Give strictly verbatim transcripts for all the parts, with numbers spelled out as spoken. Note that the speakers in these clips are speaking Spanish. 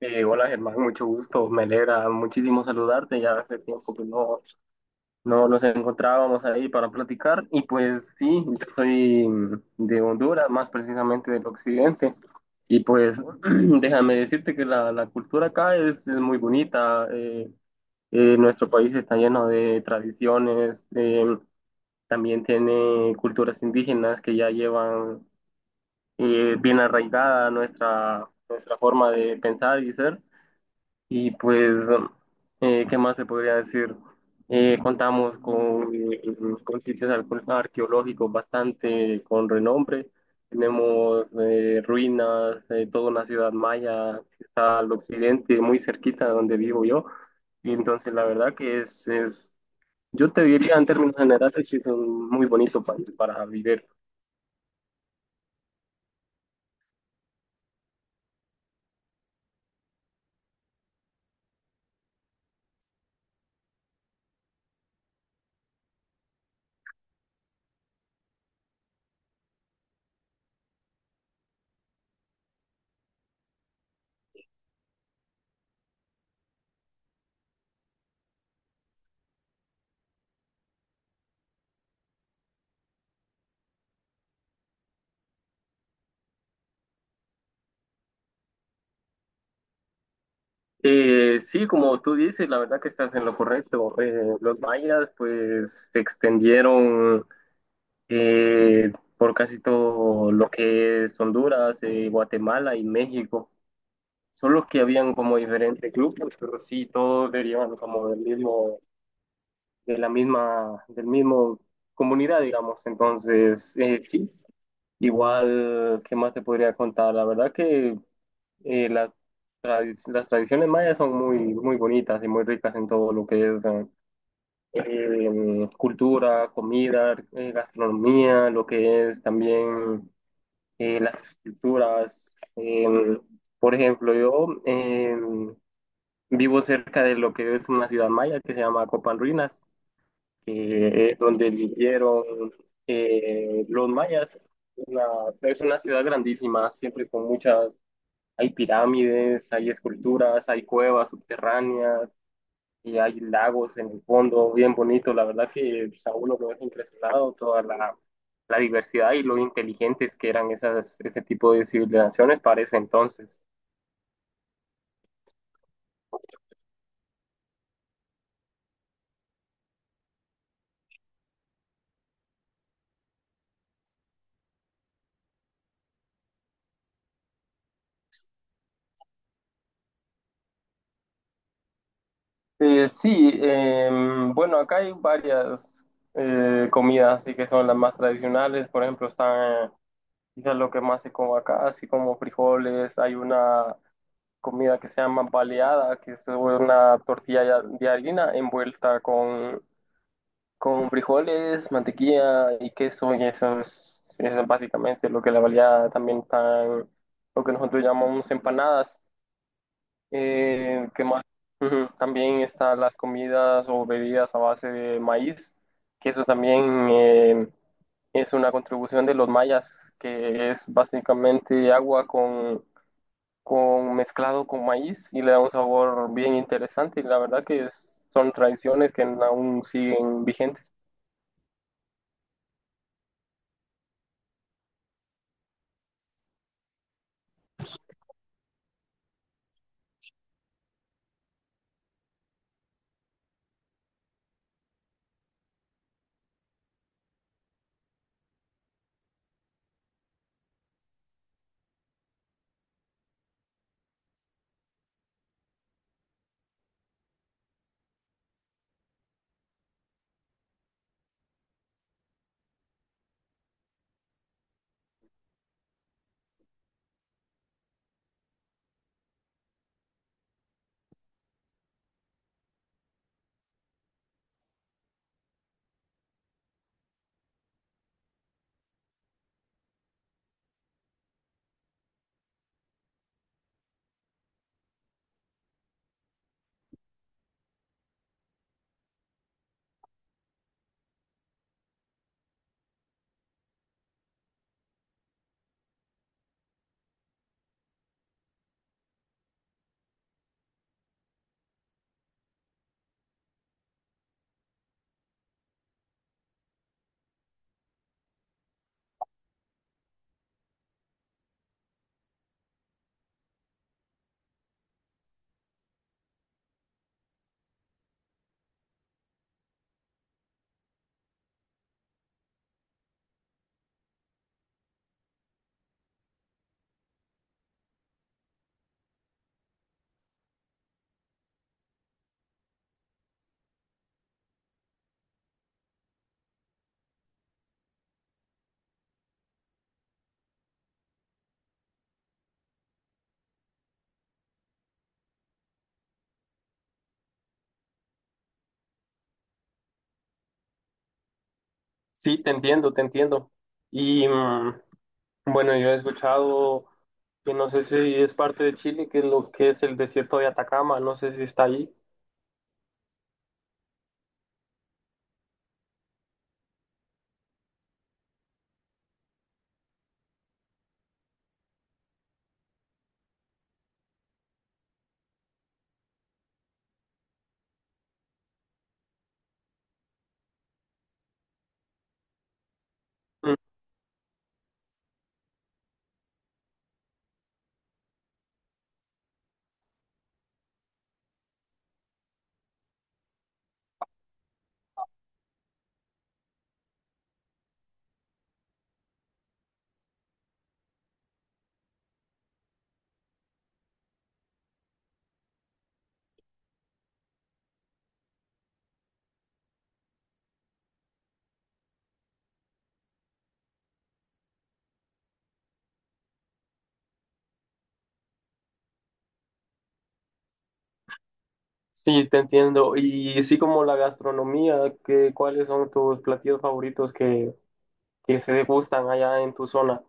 Eh, hola Germán, mucho gusto, me alegra muchísimo saludarte, ya hace tiempo que no, no nos encontrábamos ahí para platicar y pues sí, yo soy de Honduras, más precisamente del occidente y pues déjame decirte que la, la cultura acá es, es muy bonita, eh, eh, nuestro país está lleno de tradiciones, eh, también tiene culturas indígenas que ya llevan eh, bien arraigada nuestra, nuestra forma de pensar y ser. Y pues, eh, ¿qué más te podría decir? Eh, contamos con, eh, con sitios arco- arqueológicos bastante con renombre. Tenemos eh, ruinas, eh, toda una ciudad maya que está al occidente, muy cerquita de donde vivo yo. Y entonces la verdad que es, es, yo te diría en términos generales que es un muy bonito país para vivir. Eh, sí, como tú dices, la verdad que estás en lo correcto. Eh, los mayas pues se extendieron eh, por casi todo lo que es Honduras, eh, Guatemala y México. Solo que habían como diferentes grupos, pero sí, todos derivan como del mismo, de la misma, del mismo comunidad, digamos. Entonces, eh, sí, igual, ¿qué más te podría contar? La verdad que eh, la tradi- las tradiciones mayas son muy, muy bonitas y muy ricas en todo lo que es eh, eh, cultura, comida, eh, gastronomía, lo que es también eh, las estructuras. Em, por ejemplo, yo em, vivo cerca de lo que es una ciudad maya que se llama Copan Ruinas, que es donde vivieron eh, los mayas. Una- es una ciudad grandísima, siempre con muchas, hay pirámides, hay esculturas, hay cuevas subterráneas, y hay lagos en el fondo, bien bonito. La verdad que pues, a uno lo deja impresionado toda la, la diversidad y lo inteligentes que eran esas, ese tipo de civilizaciones para ese entonces. Eh, sí, em, bueno, acá hay varias eh, comidas, así que son las más tradicionales. Por ejemplo, están quizás lo que más se come acá, así como frijoles. Hay una comida que se llama baleada, que es una tortilla de harina envuelta con Con frijoles, mantequilla y queso, y eso es, eso es básicamente lo que la valía también están, lo que nosotros llamamos empanadas. Eh, ¿qué más? Ujú, también están las comidas o bebidas a base de maíz, que eso también eh, es una contribución de los mayas, que es básicamente agua con, con mezclado con maíz y le da un sabor bien interesante. Y la verdad que es- son tradiciones que aún siguen vigentes. Sí, te entiendo, te entiendo. Y mm, bueno, yo he escuchado que no sé si es parte de Chile, que es lo que es el desierto de Atacama, no sé si está ahí. Mm, sí, te entiendo. Y sí, como la gastronomía, ¿qué ¿cuáles son tus platillos favoritos que, que se degustan allá en tu zona?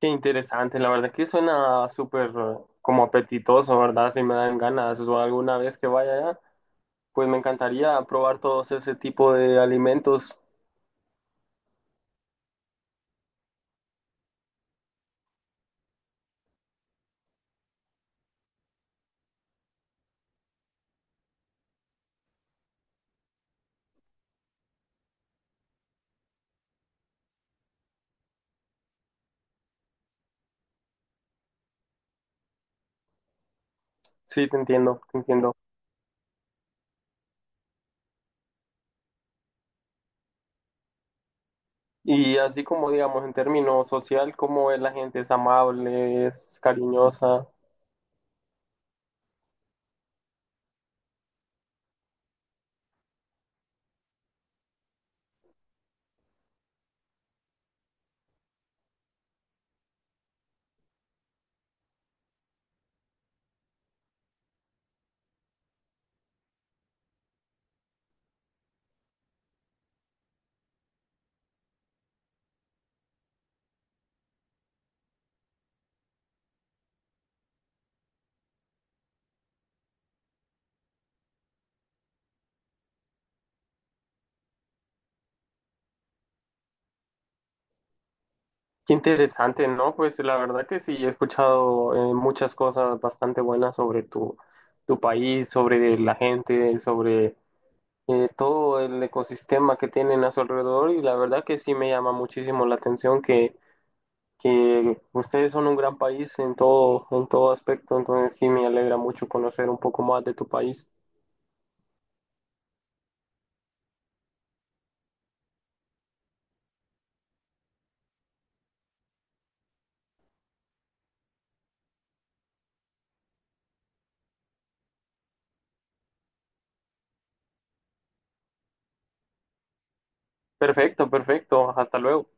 Qué interesante, la verdad que suena súper eh, como apetitoso, ¿verdad? Si me dan ganas o alguna vez que vaya allá. Pues me encantaría probar todos ese tipo de alimentos. Sí, te entiendo, te entiendo. Y así como, digamos, en términos social, cómo es la gente, es amable, es cariñosa. Qué interesante, ¿no? Pues la verdad que sí, he escuchado eh, muchas cosas bastante buenas sobre tu, tu país, sobre la gente, sobre eh, todo el ecosistema que tienen a su alrededor. Y la verdad que sí me llama muchísimo la atención que, que ustedes son un gran país en todo, en todo aspecto. Entonces sí me alegra mucho conocer un poco más de tu país. Perfecto, perfecto. Hasta luego.